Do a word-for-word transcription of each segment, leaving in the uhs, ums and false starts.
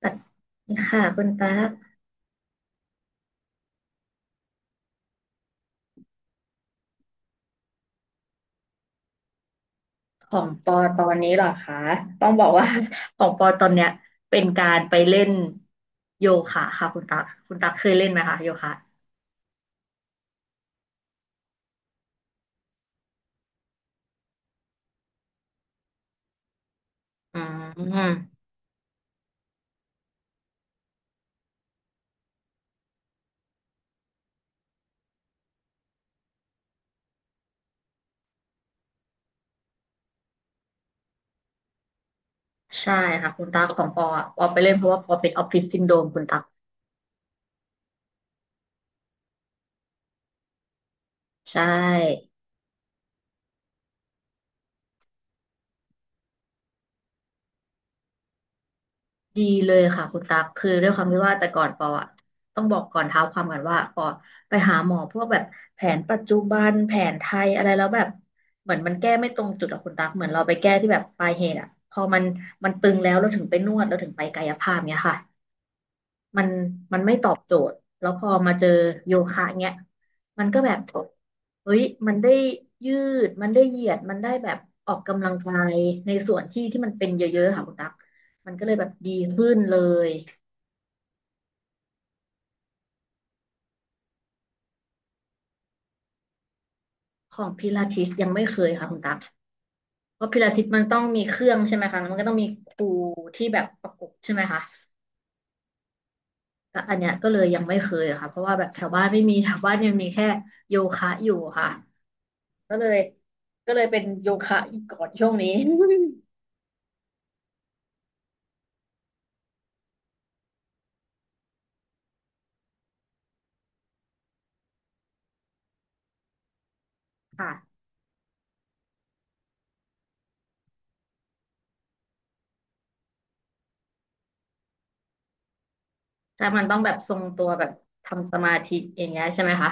สวัสดีค่ะคุณตากของปอตอนนี้เหรอคะต้องบอกว่า ของปอตอนเนี้ยเป็นการไปเล่นโยคะค่ะคุณตากคุณตากเคยเล่นไหมคะโยคะอืมใช่ค่ะคุณตากของปออะปอไปเล่นเพราะว่าปอเป็นออฟฟิศซินโดรมคุณตากใช่ ดีเลยค่ะคุณตั๊กคือด้วยความที่ว่าแต่ก่อนปออะต้องบอกก่อนเท้าความก่อนว่าปอไปหาหมอพวกแบบแผนปัจจุบันแผนไทยอะไรแล้วแบบเหมือนมันแก้ไม่ตรงจุดอะคุณตั๊กเหมือนเราไปแก้ที่แบบปลายเหตุอะพอมันมันตึงแล้วเราถึงไปนวดเราถึงไปกายภาพเนี้ยค่ะ มันมันไม่ตอบโจทย์แล้วพอมาเจอโยคะเงี้ยมันก็แบบเฮ้ยมันได้ยืดมันได้เหยียดมันได้แบบออกกำลังกายในส่วนที่ที่มันเป็นเยอะๆค่ะคุณตั๊กมันก็เลยแบบดีขึ้นเลยของพิลาทิสยังไม่เคยค่ะคุณตั๊กเพราะพิลาทิสมันต้องมีเครื่องใช่ไหมคะแล้วมันก็ต้องมีครูที่แบบประกบใช่ไหมคะแต่อันเนี้ยก็เลยยังไม่เคยอะค่ะเพราะว่าแบบแถวบ้านไม่มีแถวบ้านเนี่ยมีแค่โยคะอยู่ค่ะ ก็เลยก็เลยเป็นโยคะอีกก่อนช่วงนี้ ค่ะแต่มันต้องแบบทรงตัวแบบทำสมาธิอย่างเงี้ยใช่ไหมคะ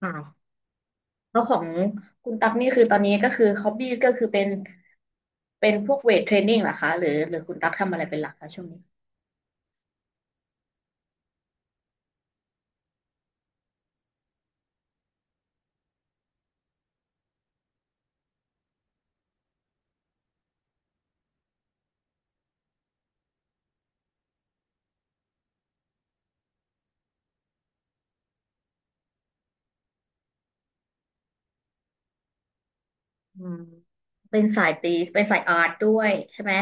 อ่าแล้วของคุณตั๊กนี่คือตอนนี้ก็คือฮอบบี้ก็คือเป็นเป็นพวกเวทเทรนนิ่งเหรอคะหรือหรือคุณตั๊กทำอะไรเป็นหลักคะช่วงนี้อืมเป็นสายตีเป็นสายอาร์ตด้วยใช่ไหม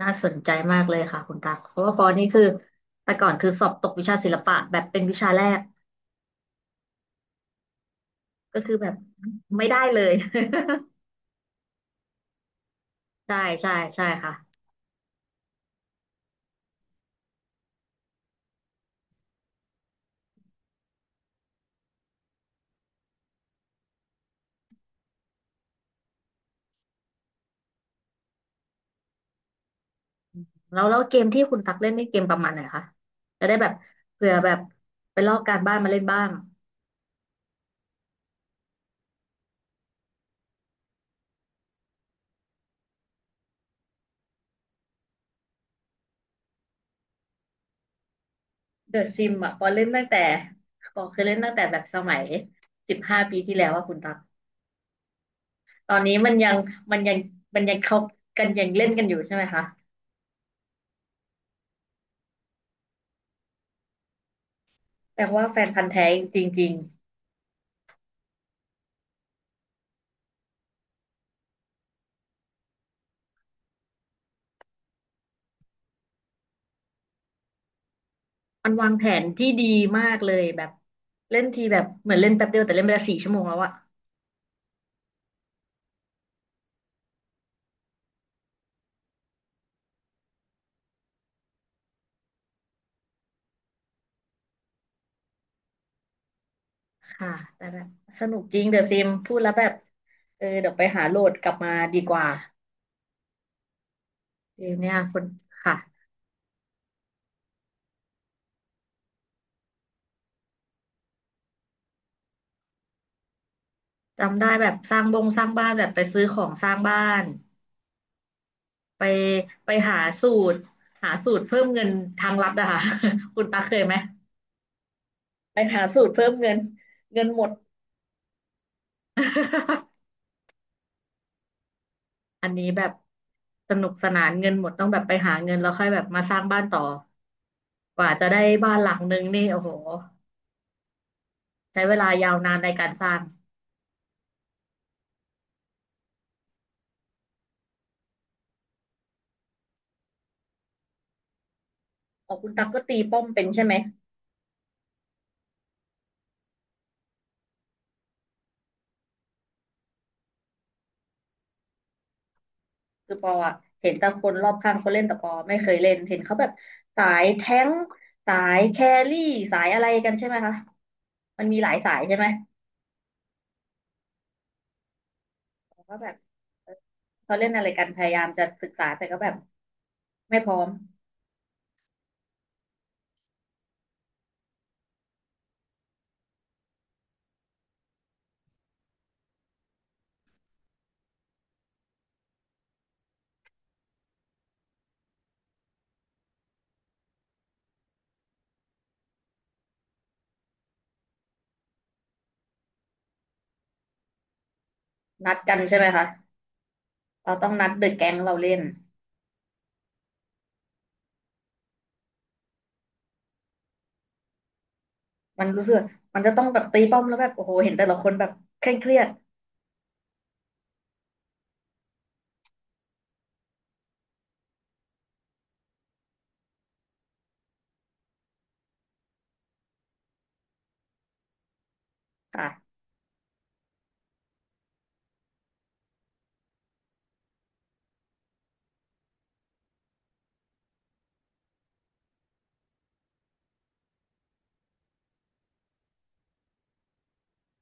น่าสนใจมากเลยค่ะคุณตักเพราะว่าปอนี่คือแต่ก่อนคือสอบตกวิชาศิลปะแบบเป็นวิชาแรกก็คือแบบไม่ได้เลย ใช่ใช่ใช่ค่ะ แล้วแล้วเกมที่คุณตักเล่นนี่เกมประมาณไหนคะจะได้แบบเผื่อแบบไปลอกการบ้านมาเล่นบ้างเดอะซิมอ่ะปอเล่นตั้งแต่ปอเคยเล่นตั้งแต่แบบสมัยสิบห้าปีที่แล้วว่าคุณตักตอนนี้มันยังมันยังมันยังเขากันยังเล่นกันอยู่ใช่ไหมคะแปลว่าแฟนพันธุ์แท้จริงๆมันวางแผนที่ดีมากเลยแบบเล่นทีแบบเหมือนเล่นแป๊บเดียวแต่เล่นไปละสี่ชั่วโมงแล้วอะค่ะแต่แบบสนุกจริงเดอะซิมพูดแล้วแบบเออเดี๋ยวไปหาโหลดกลับมาดีกว่า ดีเนี่ยคุณค่ะจำได้แบบสร้างบงสร้างบ้านแบบไปซื้อของสร้างบ้านไปไปหาสูตรหาสูตรเพิ่มเงินทางลับอะค่ะ คุณตาเคยไหมไปหาสูตรเพิ่มเงินเงินหมด อันนี้แบบสนุกสนานเงินหมดต้องแบบไปหาเงินแล้วค่อยแบบมาสร้างบ้านต่อกว่าจะได้บ้านหลังนึงนี่โอ้โหใช้เวลายาวนานในการสร้างอ๋อคุณตักก็ตีป้อมเป็นใช่ไหม คือปออะเห็นแต่คนรอบข้างเขาเล่นแต่ปอไม่เคยเล่นเห็นเขาแบบสายแท้งค์สายแครี่สายอะไรกันใช่ไหมคะมันมีหลายสายใช่ไหมปอก็แบบเขาเล่นอะไรกันพยายามจะศึกษาแต่ก็แบบไม่พร้อมนัดกันใช่ไหมคะเราต้องนัดเดอะแก๊งเราเล่นมันรู้สึกมันจะต้องแบบตีป้อมแล้วแบบโอ้โหเห็นแต่ละคนแบบเคร่งเครียดค่ะ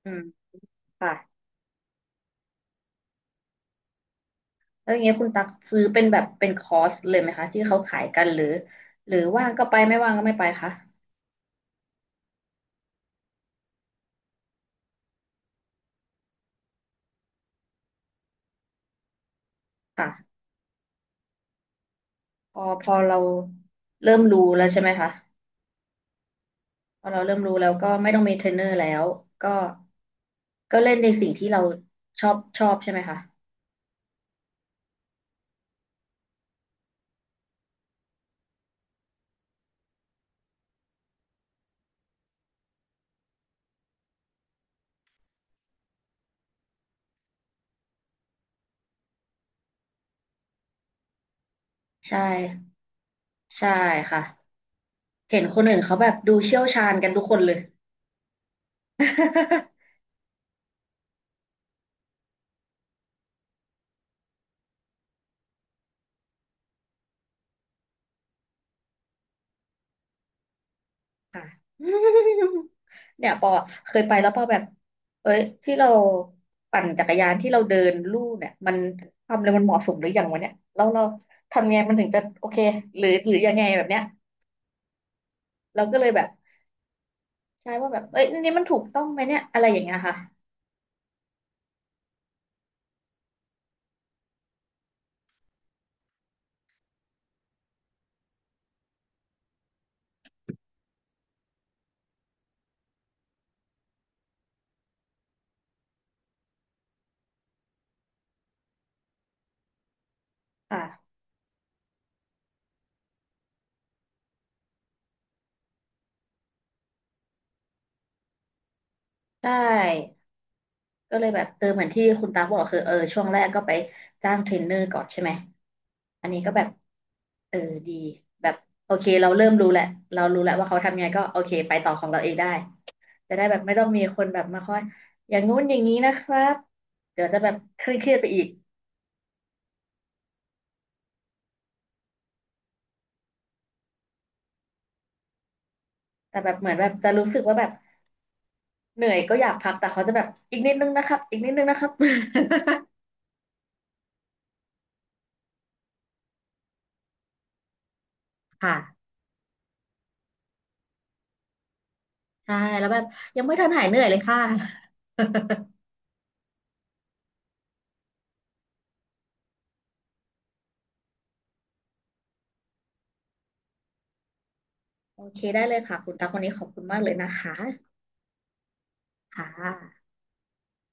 อืมค่ะแล้วอย่างเงี้ยคุณตักซื้อเป็นแบบเป็นคอร์สเลยไหมคะที่เขาขายกันหรือหรือว่างก็ไปไม่ว่างก็ไม่ไปคะค่ะ พอพอเราเริ่มรู้แล้วใช่ไหมคะพอเราเริ่มรู้แล้วก็ไม่ต้องมีเทรนเนอร์แล้วก็ก็เล่นในสิ่งที่เราชอบชอบใช่ไหมคะใช่ใช่ค่ะเห็นคนอื่นเขาแบบดูเชี่ยวชาญกันทุกคนเลย ค่ะ เนี่ยปอเคยไปแล้วปอแบบเอ้ยที่เราปั่นจักรยานที่เราเดินลู่เนี่ยมันความเร็วมันเหมาะสมหรือยังวะเนี่ยแล้วเราทำไงมันถึงจะโอเคหรือหรือยังไงแบบเนี้ยเราก็เลยแบบ ใช่ว่าแบบเอ้ยอันนี่มันถูกต้องไหมเนี่ยอะไรอย่างเงี้ยค่ะค่ะใช่ก็เลยแบบเออเหมือนที่คุณตาบอกคือเออช่วงแรกก็ไปจ้างเทรนเนอร์ก่อนใช่ไหมอันนี้ก็แบบเออดีแบบโอเคเราเริ่มรู้แหละเรารู้แล้วว่าเขาทำยังไงก็โอเคไปต่อของเราเองได้จะได้แบบไม่ต้องมีคนแบบมาคอยอย่างงู้นอย่างนี้นะครับเดี๋ยวจะแบบเครียดๆไปอีกแต่แบบเหมือนแบบจะรู้สึกว่าแบบเหนื่อยก็อยากพักแต่เขาจะแบบอีกนิดนึงนะครับอีกนิดนึงนะครับ ค่ะ ใช่แล้วแบบยังไม่ทันหายเหนื่อยเลยค่ะ โอเคได้เลยค่ะคุณตาคนนี้ขอบคุณมากเลยนะคะค่ะ